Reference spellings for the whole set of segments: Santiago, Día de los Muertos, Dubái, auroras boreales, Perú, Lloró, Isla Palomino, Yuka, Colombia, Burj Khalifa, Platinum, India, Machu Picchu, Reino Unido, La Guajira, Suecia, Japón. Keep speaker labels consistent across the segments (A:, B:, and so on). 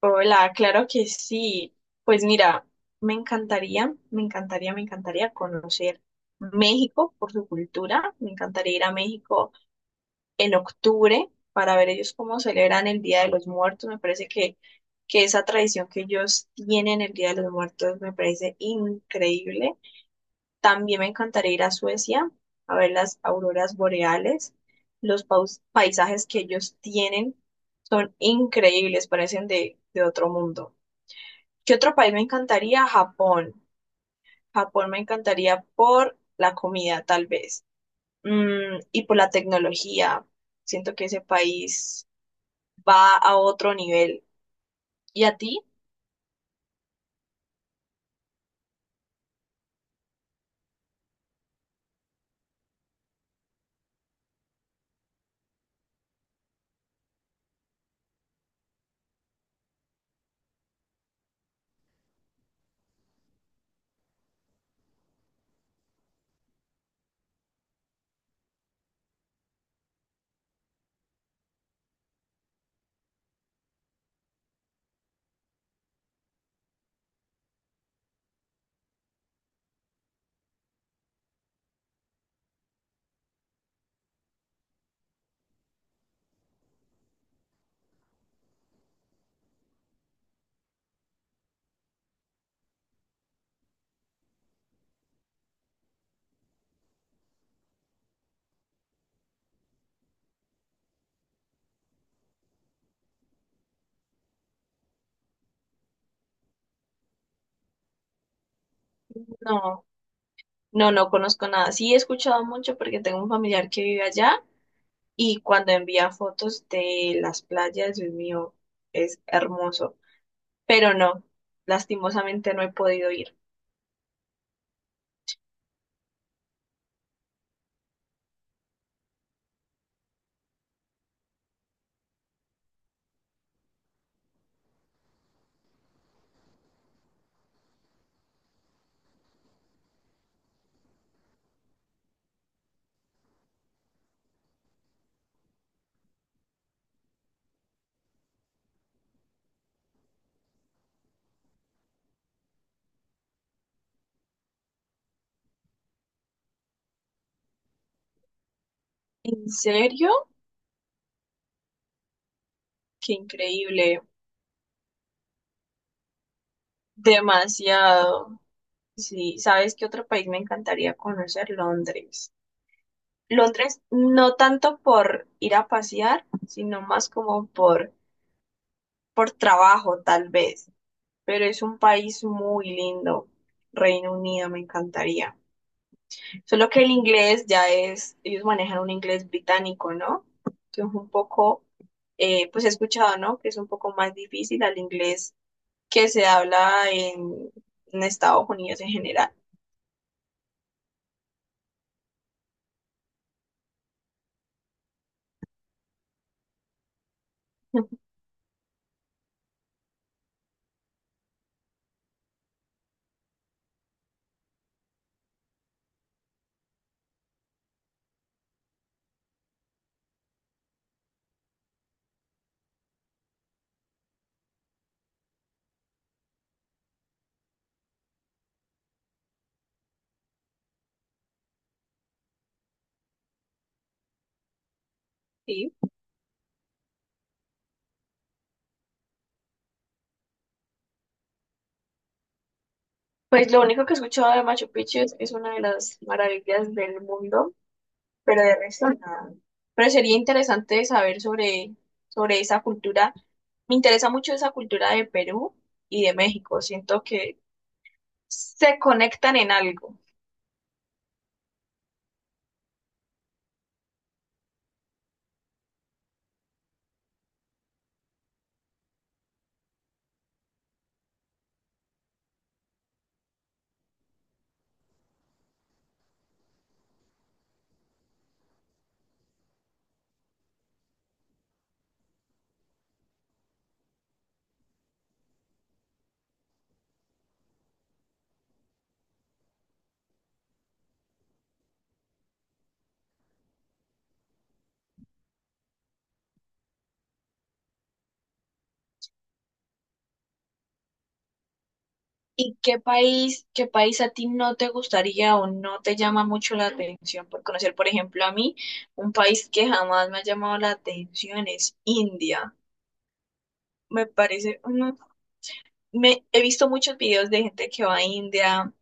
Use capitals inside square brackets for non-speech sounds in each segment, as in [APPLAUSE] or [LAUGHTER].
A: Hola, claro que sí. Pues mira, me encantaría conocer México por su cultura. Me encantaría ir a México en octubre para ver ellos cómo celebran el Día de los Muertos. Me parece que esa tradición que ellos tienen el Día de los Muertos me parece increíble. También me encantaría ir a Suecia a ver las auroras boreales. Los paisajes que ellos tienen son increíbles, parecen de otro mundo. ¿Qué otro país me encantaría? Japón. Japón me encantaría por la comida, tal vez, y por la tecnología. Siento que ese país va a otro nivel. ¿Y a ti? No, no, no conozco nada. Sí he escuchado mucho porque tengo un familiar que vive allá y cuando envía fotos de las playas, Dios mío, es hermoso. Pero no, lastimosamente no he podido ir. ¿En serio? Qué increíble. Demasiado. Sí, ¿sabes qué otro país me encantaría conocer? Londres. Londres no tanto por ir a pasear, sino más como por trabajo, tal vez. Pero es un país muy lindo. Reino Unido me encantaría. Solo que el inglés ya es, ellos manejan un inglés británico, ¿no? Que es un poco, pues he escuchado, ¿no? Que es un poco más difícil al inglés que se habla en Estados Unidos en general. [LAUGHS] Sí. Pues lo único que he escuchado de Machu Picchu es que es una de las maravillas del mundo, pero de resto nada. Pero sería interesante saber sobre esa cultura. Me interesa mucho esa cultura de Perú y de México. Siento que se conectan en algo. ¿Y qué país a ti no te gustaría o no te llama mucho la atención por conocer? Por ejemplo, a mí, un país que jamás me ha llamado la atención es India. Me parece, he visto muchos videos de gente que va a India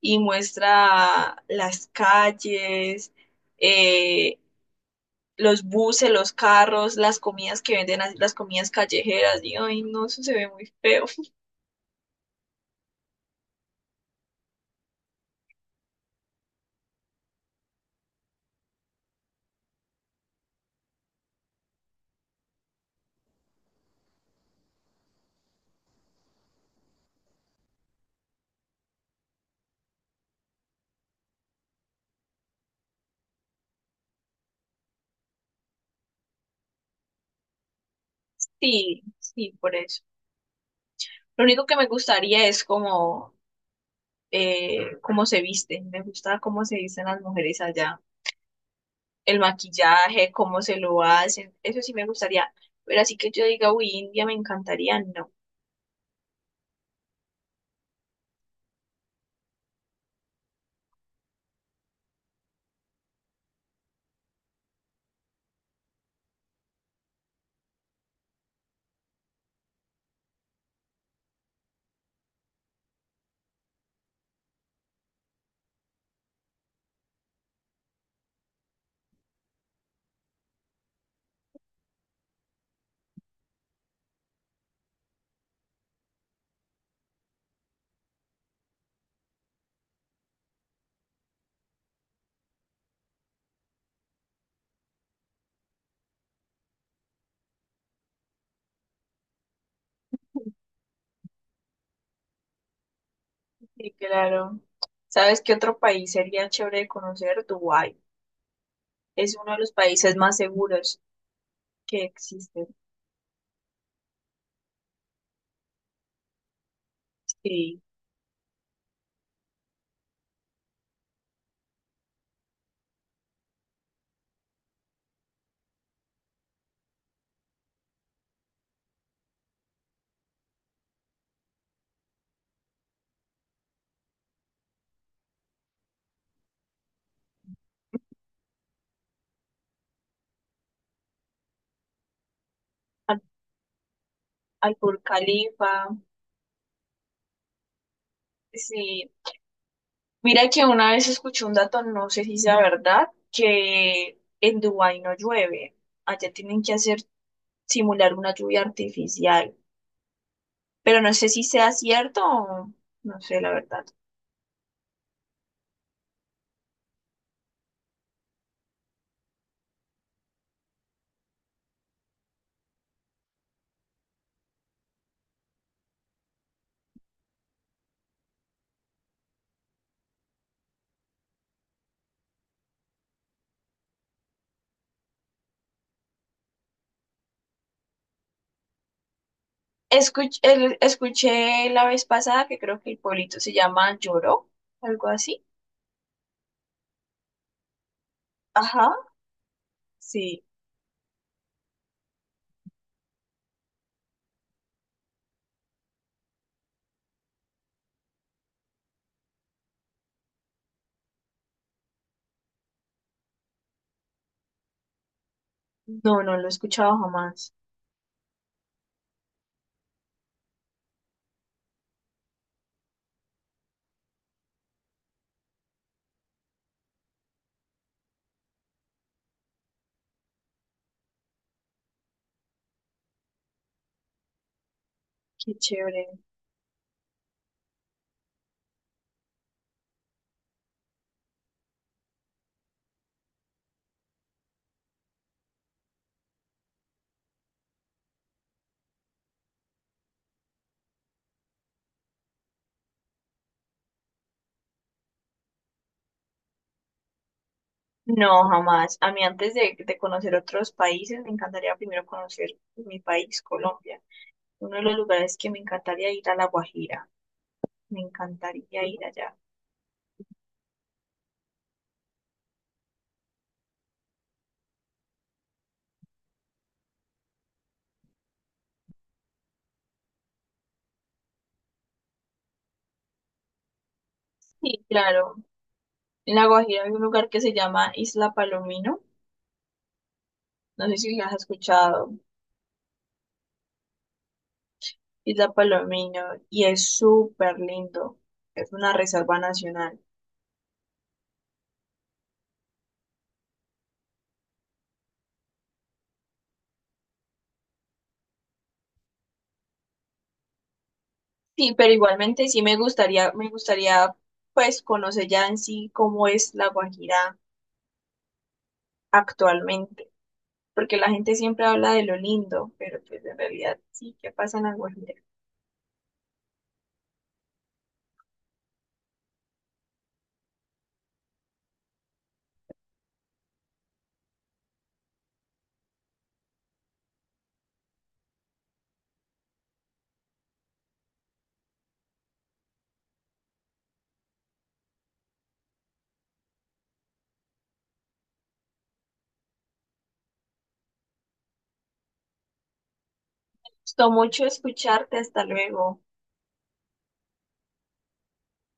A: y muestra las calles, eh, los buses, los carros, las comidas que venden, así, las comidas callejeras. Y, ay, no, eso se ve muy feo. [LAUGHS] Sí, sí, por eso. Lo único que me gustaría es como, cómo se visten. Me gusta cómo se visten las mujeres allá. El maquillaje, cómo se lo hacen. Eso sí me gustaría. Pero así que yo diga, uy, India me encantaría, no. Sí, claro. ¿Sabes qué otro país sería chévere de conocer? Dubái. Es uno de los países más seguros que existen. Sí. Al, al Burj Khalifa. Sí. Mira que una vez escuché un dato, no sé si sea verdad, que en Dubái no llueve. Allá tienen que hacer simular una lluvia artificial. Pero no sé si sea cierto o no sé la verdad. Escuché la vez pasada que creo que el pueblito se llama Lloró, algo así. Ajá. Sí, no, no lo he escuchado jamás. Qué chévere. No, jamás. A mí antes de conocer otros países, me encantaría primero conocer mi país, Colombia. Uno de los lugares que me encantaría ir a La Guajira. Me encantaría ir allá. Sí, claro. En La Guajira hay un lugar que se llama Isla Palomino. No sé si las has escuchado. Isla Palomino. Y es súper lindo. Es una reserva nacional. Sí, pero igualmente sí me gustaría pues conocer ya en sí cómo es la Guajira actualmente, porque la gente siempre habla de lo lindo, pero pues en realidad sí, ¿qué pasa en la Guajira? Gustó mucho escucharte, hasta luego.